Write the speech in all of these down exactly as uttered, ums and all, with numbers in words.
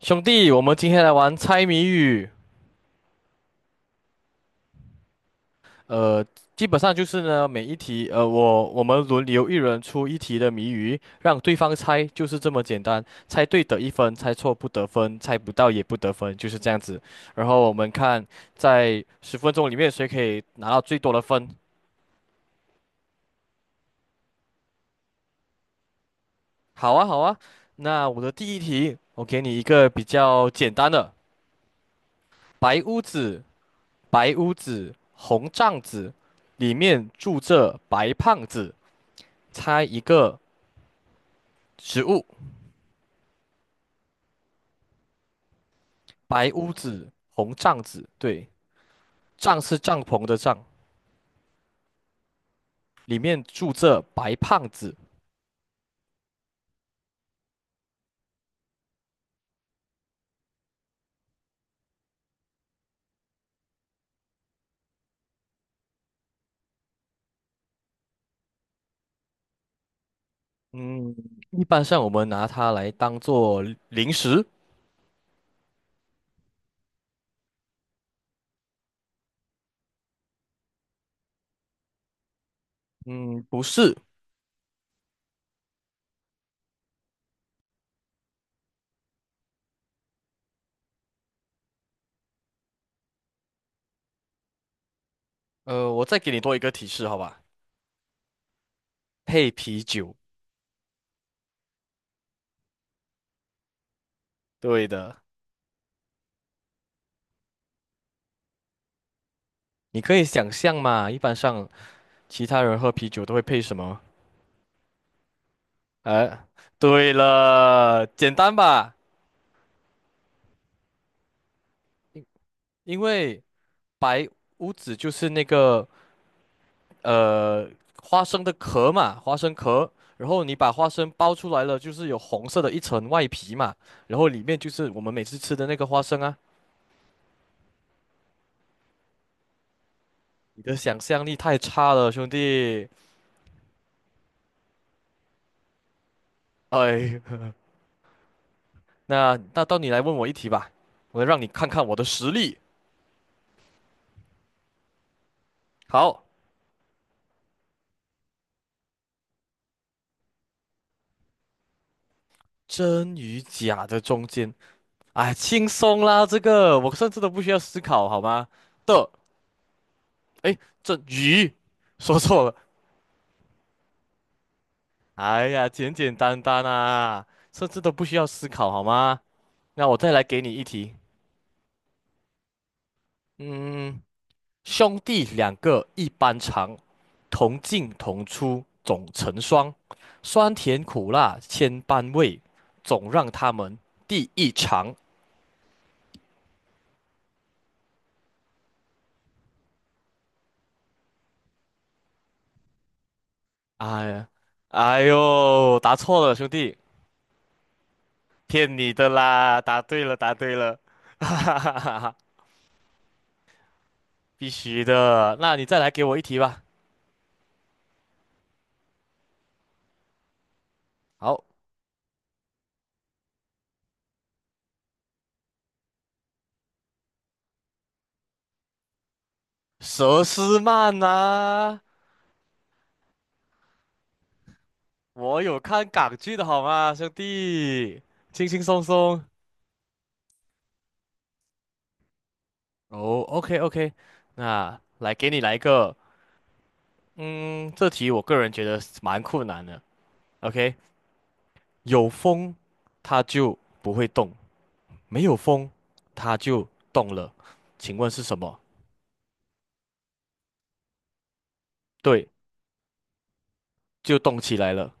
兄弟，我们今天来玩猜谜语。呃，基本上就是呢，每一题，呃，我我们轮流一人出一题的谜语，让对方猜，就是这么简单。猜对得一分，猜错不得分，猜不到也不得分，就是这样子。然后我们看在十分钟里面谁可以拿到最多的分。好啊，好啊。那我的第一题，我给你一个比较简单的：白屋子，白屋子，红帐子，里面住着白胖子。猜一个植物，白屋子，红帐子，对，帐是帐篷的帐，里面住着白胖子。嗯，一般上我们拿它来当做零食。嗯，不是。呃，我再给你多一个提示，好吧？配啤酒。对的，你可以想象嘛，一般上其他人喝啤酒都会配什么？呃，对了，简单吧？因因为白屋子就是那个呃，花生的壳嘛，花生壳，然后你把花生剥出来了，就是有红色的一层外皮嘛，然后里面就是我们每次吃的那个花生啊。你的想象力太差了，兄弟。哎，那那到你来问我一题吧，我让你看看我的实力。好，真与假的中间，哎，轻松啦，这个我甚至都不需要思考，好吗？的，哎，这鱼，说错了，哎呀，简简单单啊，甚至都不需要思考，好吗？那我再来给你一题，嗯，兄弟两个一般长，同进同出总成双，酸甜苦辣千般味，总让他们第一尝。哎呀，哎呦，答错了，兄弟，骗你的啦！答对了，答对了，哈哈哈哈哈，必须的。那你再来给我一题吧。好，佘诗曼呐、我有看港剧的好吗，兄弟，轻轻松松。哦，OK OK，那来给你来一个，嗯，这题我个人觉得是蛮困难的。OK，有风它就不会动，没有风它就动了，请问是什么？对，就动起来了。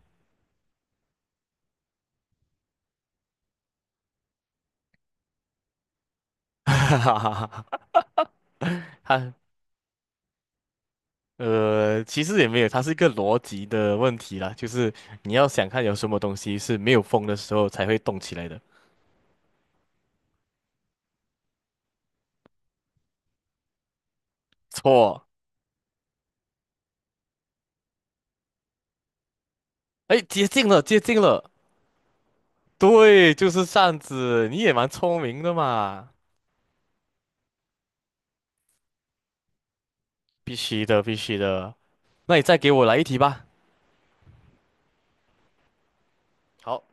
哈哈哈哈。哈，它呃，其实也没有，它是一个逻辑的问题啦，就是你要想看有什么东西是没有风的时候才会动起来的。错。哎，接近了，接近了，对，就是扇子，你也蛮聪明的嘛，必须的，必须的。那你再给我来一题吧。好，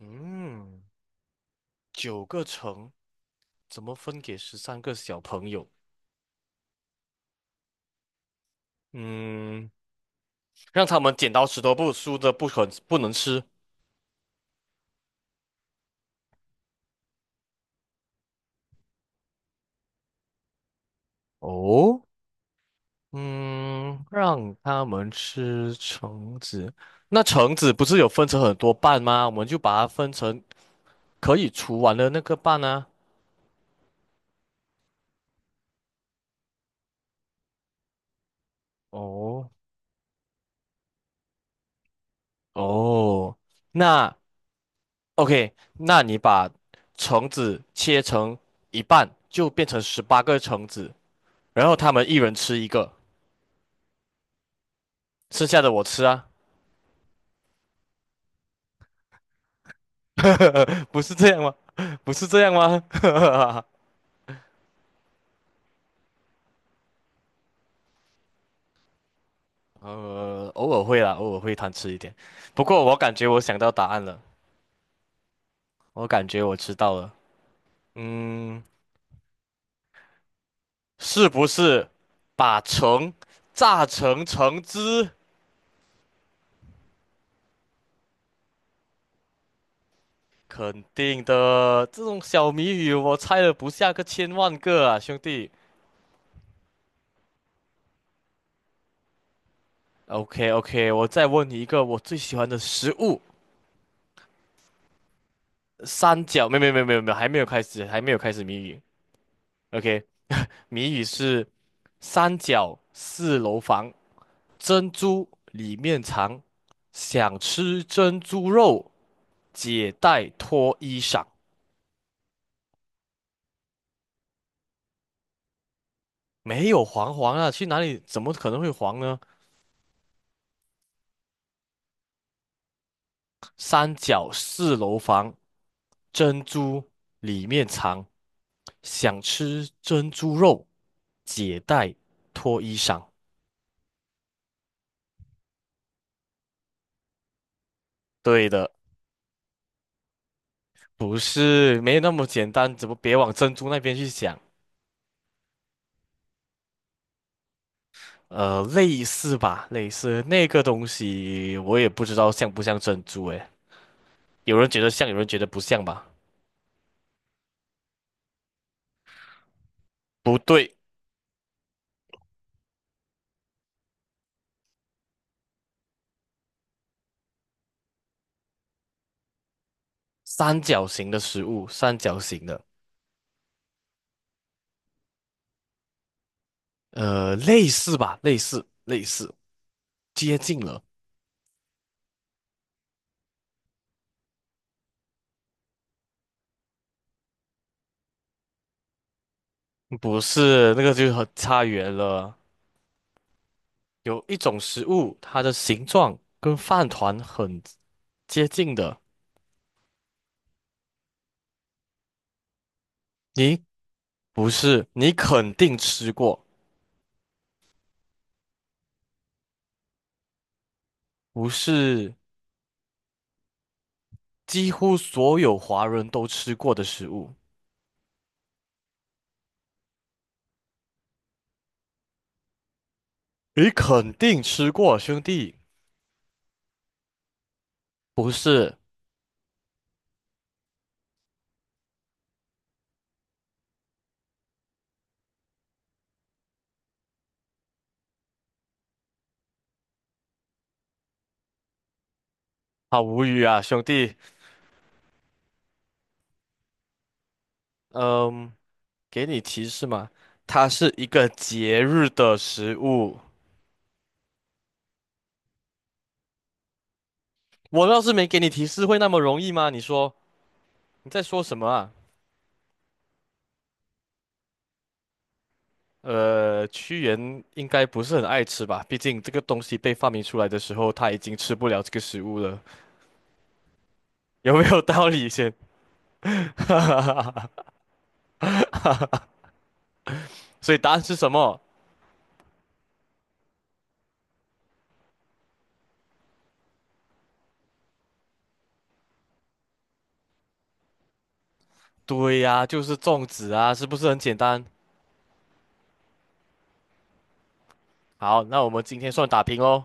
嗯，九个橙怎么分给十三个小朋友？嗯，让他们剪刀石头布，输的不肯不能吃。哦，嗯，让他们吃橙子。那橙子不是有分成很多瓣吗？我们就把它分成可以除完的那个瓣啊。哦。哦，那 OK，那你把橙子切成一半，就变成十八个橙子，然后他们一人吃一个，剩下的我吃啊，不是这样吗？不是这样吗？呃，偶尔会啦，偶尔会贪吃一点。不过我感觉我想到答案了，我感觉我知道了。嗯，是不是把橙榨成橙汁？肯定的，这种小谜语我猜了不下个千万个啊，兄弟。OK OK，我再问你一个我最喜欢的食物，三角，没有没有没有没有没有，还没有开始，还没有开始谜语。OK，谜语是三角四楼房，珍珠里面藏，想吃珍珠肉，解带脱衣裳。没有黄黄啊，去哪里怎么可能会黄呢？三角四楼房，珍珠里面藏，想吃珍珠肉，解带脱衣裳。对的。不是，没那么简单，怎么别往珍珠那边去想？呃，类似吧，类似那个东西，我也不知道像不像珍珠诶。有人觉得像，有人觉得不像吧？不对，三角形的食物，三角形的，呃，类似吧，类似，类似，接近了。不是，那个就很差远了。有一种食物，它的形状跟饭团很接近的，你不是，你肯定吃过，不是。几乎所有华人都吃过的食物。你肯定吃过，兄弟。不是，好无语啊，兄弟。嗯，给你提示嘛，它是一个节日的食物。我要是没给你提示，会那么容易吗？你说你在说什么啊？呃，屈原应该不是很爱吃吧？毕竟这个东西被发明出来的时候，他已经吃不了这个食物了，有没有道理先？所以答案是什么？对呀、就是粽子啊，是不是很简单？好，那我们今天算打平喽。